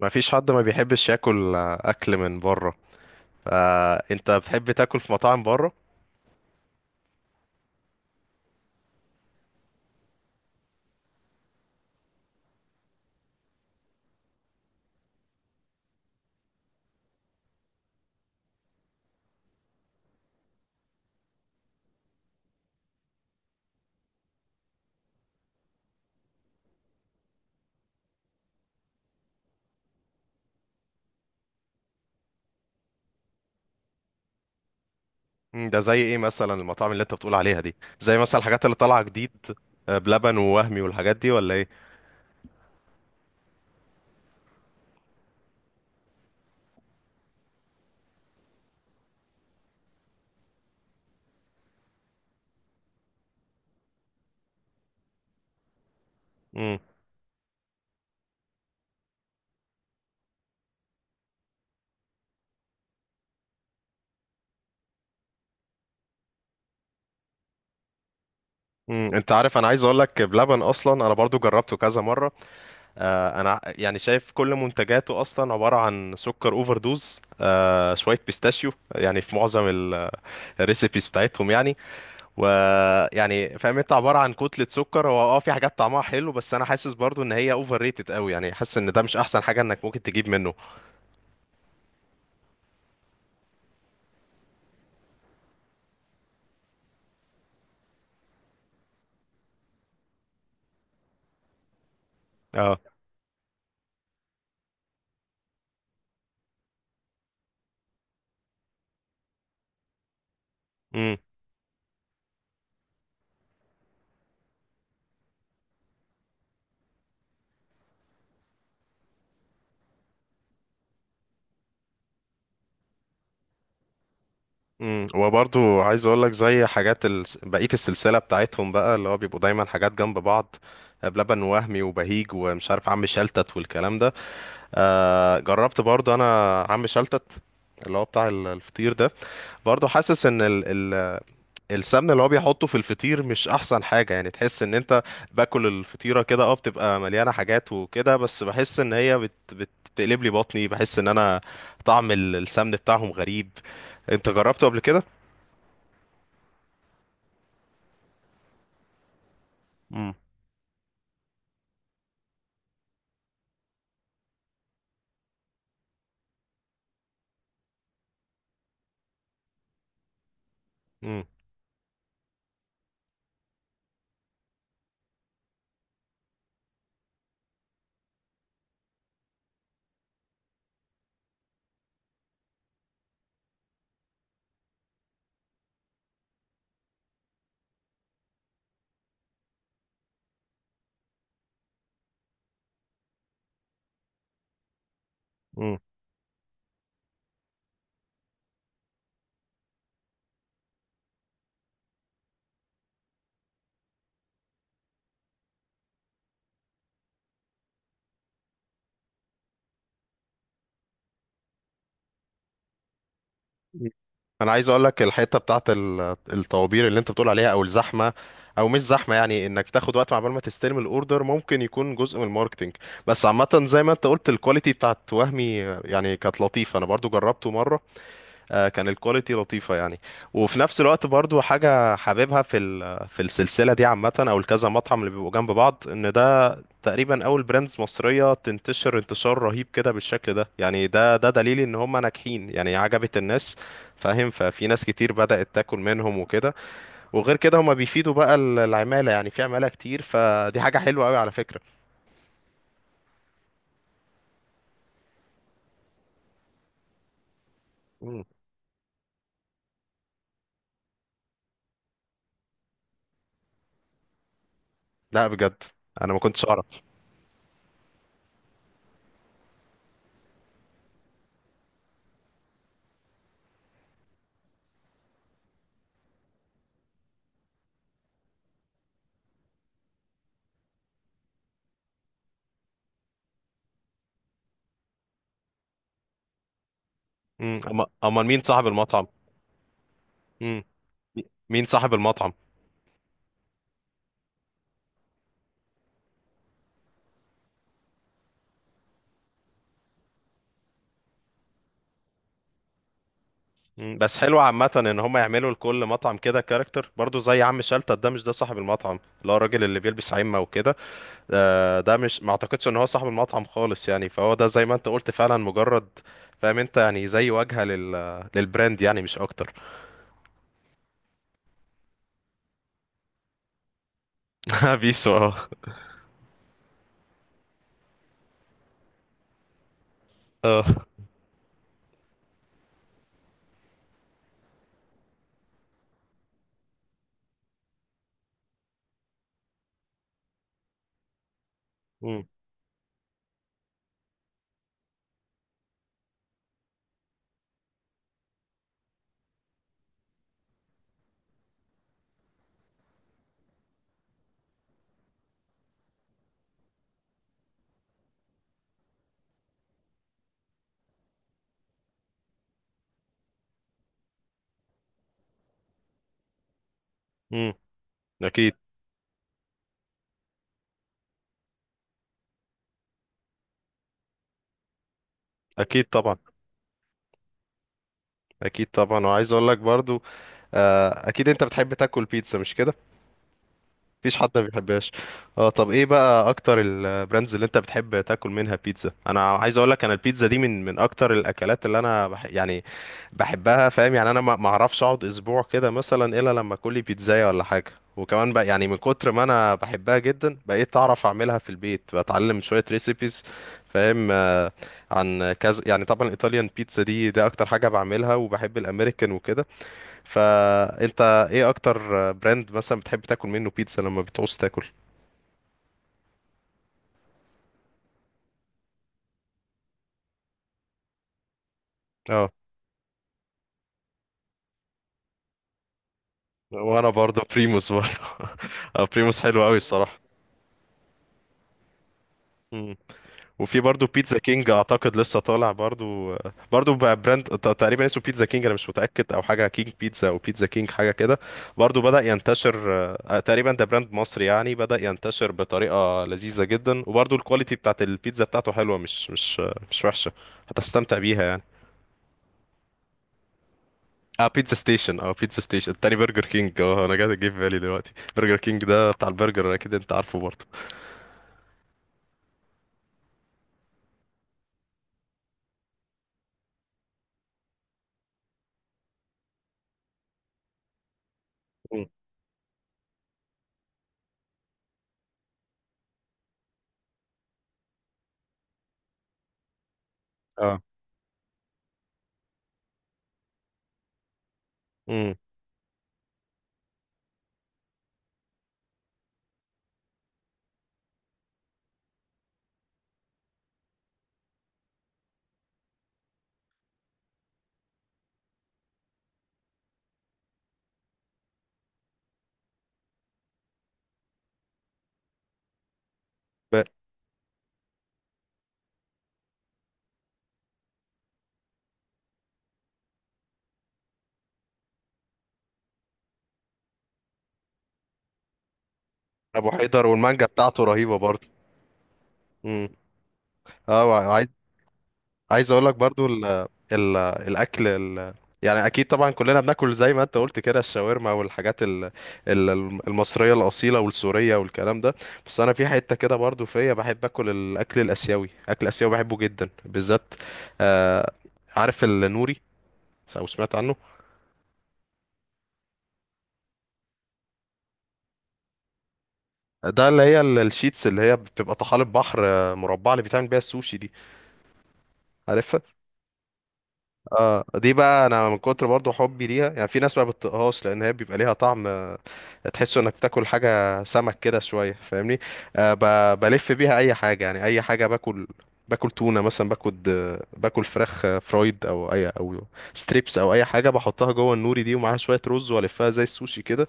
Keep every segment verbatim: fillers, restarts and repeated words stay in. ما فيش حد ما بيحبش ياكل آه، اكل من بره. فانت بتحب تاكل في مطاعم بره؟ مم، ده زي ايه مثلا المطاعم اللي انت بتقول عليها دي، زي مثلا الحاجات اللي طالعه جديد؟ آه، بلبن ووهمي والحاجات دي ولا ايه؟ مم. مم. انت عارف، انا عايز اقول لك بلبن اصلا انا برضو جربته كذا مره. آه، انا ع- يعني شايف كل منتجاته اصلا عباره عن سكر اوفر دوز، آه، شويه بيستاشيو، يعني في معظم ال- الريسيبيز بتاعتهم يعني. ويعني فاهم انت عباره عن كتله سكر، هو اه في حاجات طعمها حلو بس انا حاسس برضو ان هي اوفر ريتد قوي، يعني حاسس ان ده مش احسن حاجه انك ممكن تجيب منه. اه. امم امم وبرضو عايز اقول لك زي حاجات ال... بقيه السلسله بتاعتهم بقى اللي هو بيبقوا دايما حاجات جنب بعض، بلبن وهمي وبهيج ومش عارف عم شلتت والكلام ده. آه جربت برضو انا عم شلتت، اللي هو بتاع ال- الفطير ده. برضو حاسس ان السمنه اللي هو بيحطه في الفطير مش احسن حاجه، يعني تحس ان انت باكل الفطيره كده، اه بتبقى مليانه حاجات وكده، بس بحس ان هي بت بت بتقلب لي بطني، بحس ان انا طعم ال- السمن بتاعهم غريب. انت جربته قبل كده؟ مم. امم. امم انا عايز اقول لك الحته بتاعت ال- الطوابير اللي انت بتقول عليها، او الزحمه، او مش زحمه، يعني انك تاخد وقت عقبال ما تستلم الاوردر، ممكن يكون جزء من الماركتينج. بس عامه زي ما انت قلت، الكواليتي بتاعت وهمي يعني كانت لطيفه، انا برضو جربته مره. آه، كان الكواليتي لطيفة يعني. وفي نفس الوقت برضو حاجة حاببها في ال- في السلسلة دي عامة، أو الكذا مطعم اللي بيبقوا جنب بعض، إن ده تقريبا أول براندز مصرية تنتشر انتشار رهيب كده بالشكل ده. يعني ده ده دليل إن هم ناجحين، يعني عجبت الناس، فاهم. ففي ناس كتير بدأت تاكل منهم وكده. وغير كده هم بيفيدوا بقى ال- العمالة، يعني في عمالة كتير، فدي حاجة حلوة أوي على فكرة. مم. لا بجد؟ أنا ما كنتش أعرف. مم. أما- أمال مين صاحب المطعم؟ مم. مين صاحب المطعم؟ مم. بس حلو عامة ان هم يعملوا لكل مطعم كده كاركتر، برضو زي عم شلتت، ده مش ده صاحب المطعم اللي هو الراجل اللي بيلبس عمة وكده. ده, ده مش، ما اعتقدش ان هو صاحب المطعم خالص يعني. فهو ده زي ما انت قلت فعلا، مجرد فاهم انت يعني زي واجهة لل للبراند يعني، مش اكتر. بيسو اه. اه. امم. امم. اكيد. اكيد طبعا. اكيد طبعا وعايز اقول لك برضو، آه، اكيد انت بتحب تاكل بيتزا، مش كده؟ مفيش حد ما بيحبهاش. اه، طب ايه بقى اكتر البراندز اللي انت بتحب تاكل منها بيتزا؟ انا عايز اقول لك انا البيتزا دي من من اكتر الاكلات اللي انا بح يعني بحبها، فاهم يعني. انا ما ما اعرفش اقعد اسبوع كده مثلا الا لما اكل لي بيتزايه ولا حاجه. وكمان بقى يعني من كتر ما انا بحبها جدا، بقيت اعرف اعملها في البيت، بتعلم شويه ريسيبيز، فاهم. آه، عن كذا يعني. طبعا الايطاليان بيتزا دي ده اكتر حاجه بعملها، وبحب الامريكان وكده. فانت ايه اكتر براند مثلا بتحب تاكل منه بيتزا لما بتعوز تاكل؟ اه، وانا برضه بريموس برضه. آه، بريموس حلو قوي الصراحه. مم. وفي برضه بيتزا كينج اعتقد لسه طالع برضه. برضه بقى براند ت- تقريبا اسمه بيتزا كينج، انا مش متاكد، او حاجه كينج بيتزا او بيتزا كينج حاجه كده. برضه بدا ينتشر. آه، تقريبا ده براند مصري يعني، بدا ينتشر بطريقه لذيذه جدا، وبرضه الكواليتي بتاعت البيتزا بتاعته حلوه، مش مش آه، مش وحشه. هتستمتع بيها يعني. اه، بيتزا ستيشن، اه بيتزا ستيشن التاني، برجر كينج. اه، انا جاي جه في بالي دلوقتي برجر كينج، ده بتاع البرجر، اكيد انت عارفه برضه. مم. اه. امم. ب- ابو حيدر والمانجا بتاعته رهيبه برضه. امم. اه وعايز عايز عايز اقول لك برضه ال ال الاكل ال يعني اكيد طبعا كلنا بناكل زي ما انت قلت كده الشاورما والحاجات ال ال المصريه الاصيله والسوريه والكلام ده. بس انا في حته كده برضه فيا بحب اكل الاكل الاسيوي، اكل اسيوي بحبه جدا بالذات. آه عارف النوري، او سمعت عنه؟ ده اللي هي ال- الشيتس اللي هي بتبقى طحالب بحر، آه، مربعه، اللي بيتعمل بيها السوشي دي، عارفها؟ اه، دي بقى انا من كتر برضو حبي ليها، يعني في ناس ما بتطقهاش، لان هي بيبقى ليها طعم، آه، تحس انك بتاكل حاجه سمك كده شويه فاهمني. آه ب- بلف بيها اي حاجه، يعني اي حاجه باكل، باكل تونه مثلا، باكل آه، باكل فراخ، آه، فرايد، او اي او ستريبس، او اي حاجه بحطها جوه النوري دي، ومعاها شويه رز، والفها زي السوشي كده.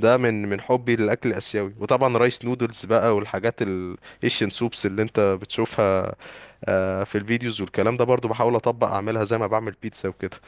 ده من من حبي للاكل الاسيوي. وطبعا رايس نودلز بقى، والحاجات الايشن سوبس اللي انت بتشوفها آه، في الفيديوز والكلام ده، برضو بحاول اطبق اعملها زي ما بعمل بيتزا وكده.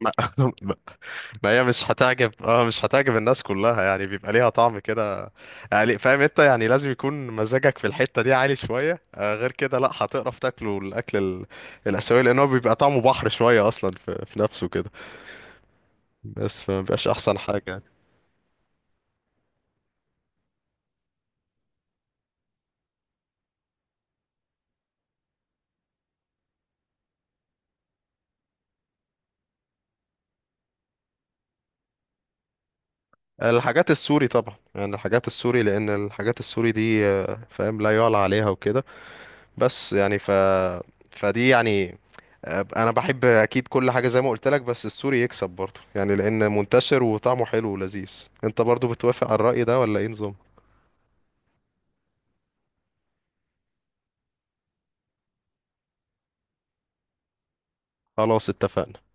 ما ما هي مش هتعجب. اه مش هتعجب الناس كلها يعني، بيبقى ليها طعم كده يعني، فاهم انت يعني. لازم يكون مزاجك في الحتة دي عالي شوية، آه، غير كده لا هتقرف تاكله، الاكل ال- الاسيوي، لان هو بيبقى طعمه بحر شوية اصلا في في نفسه كده. بس فمبيبقاش احسن حاجة يعني. الحاجات السوري طبعا، يعني الحاجات السوري، لان الحاجات السوري دي، آه، فاهم لا يعلى عليها وكده، بس يعني ف فدي يعني. آه، انا بحب اكيد كل حاجه زي ما قلت لك، بس السوري يكسب برضه يعني، لان منتشر وطعمه حلو ولذيذ. انت برضه بتوافق على الرأي ده ولا ايه نظام؟ خلاص اتفقنا.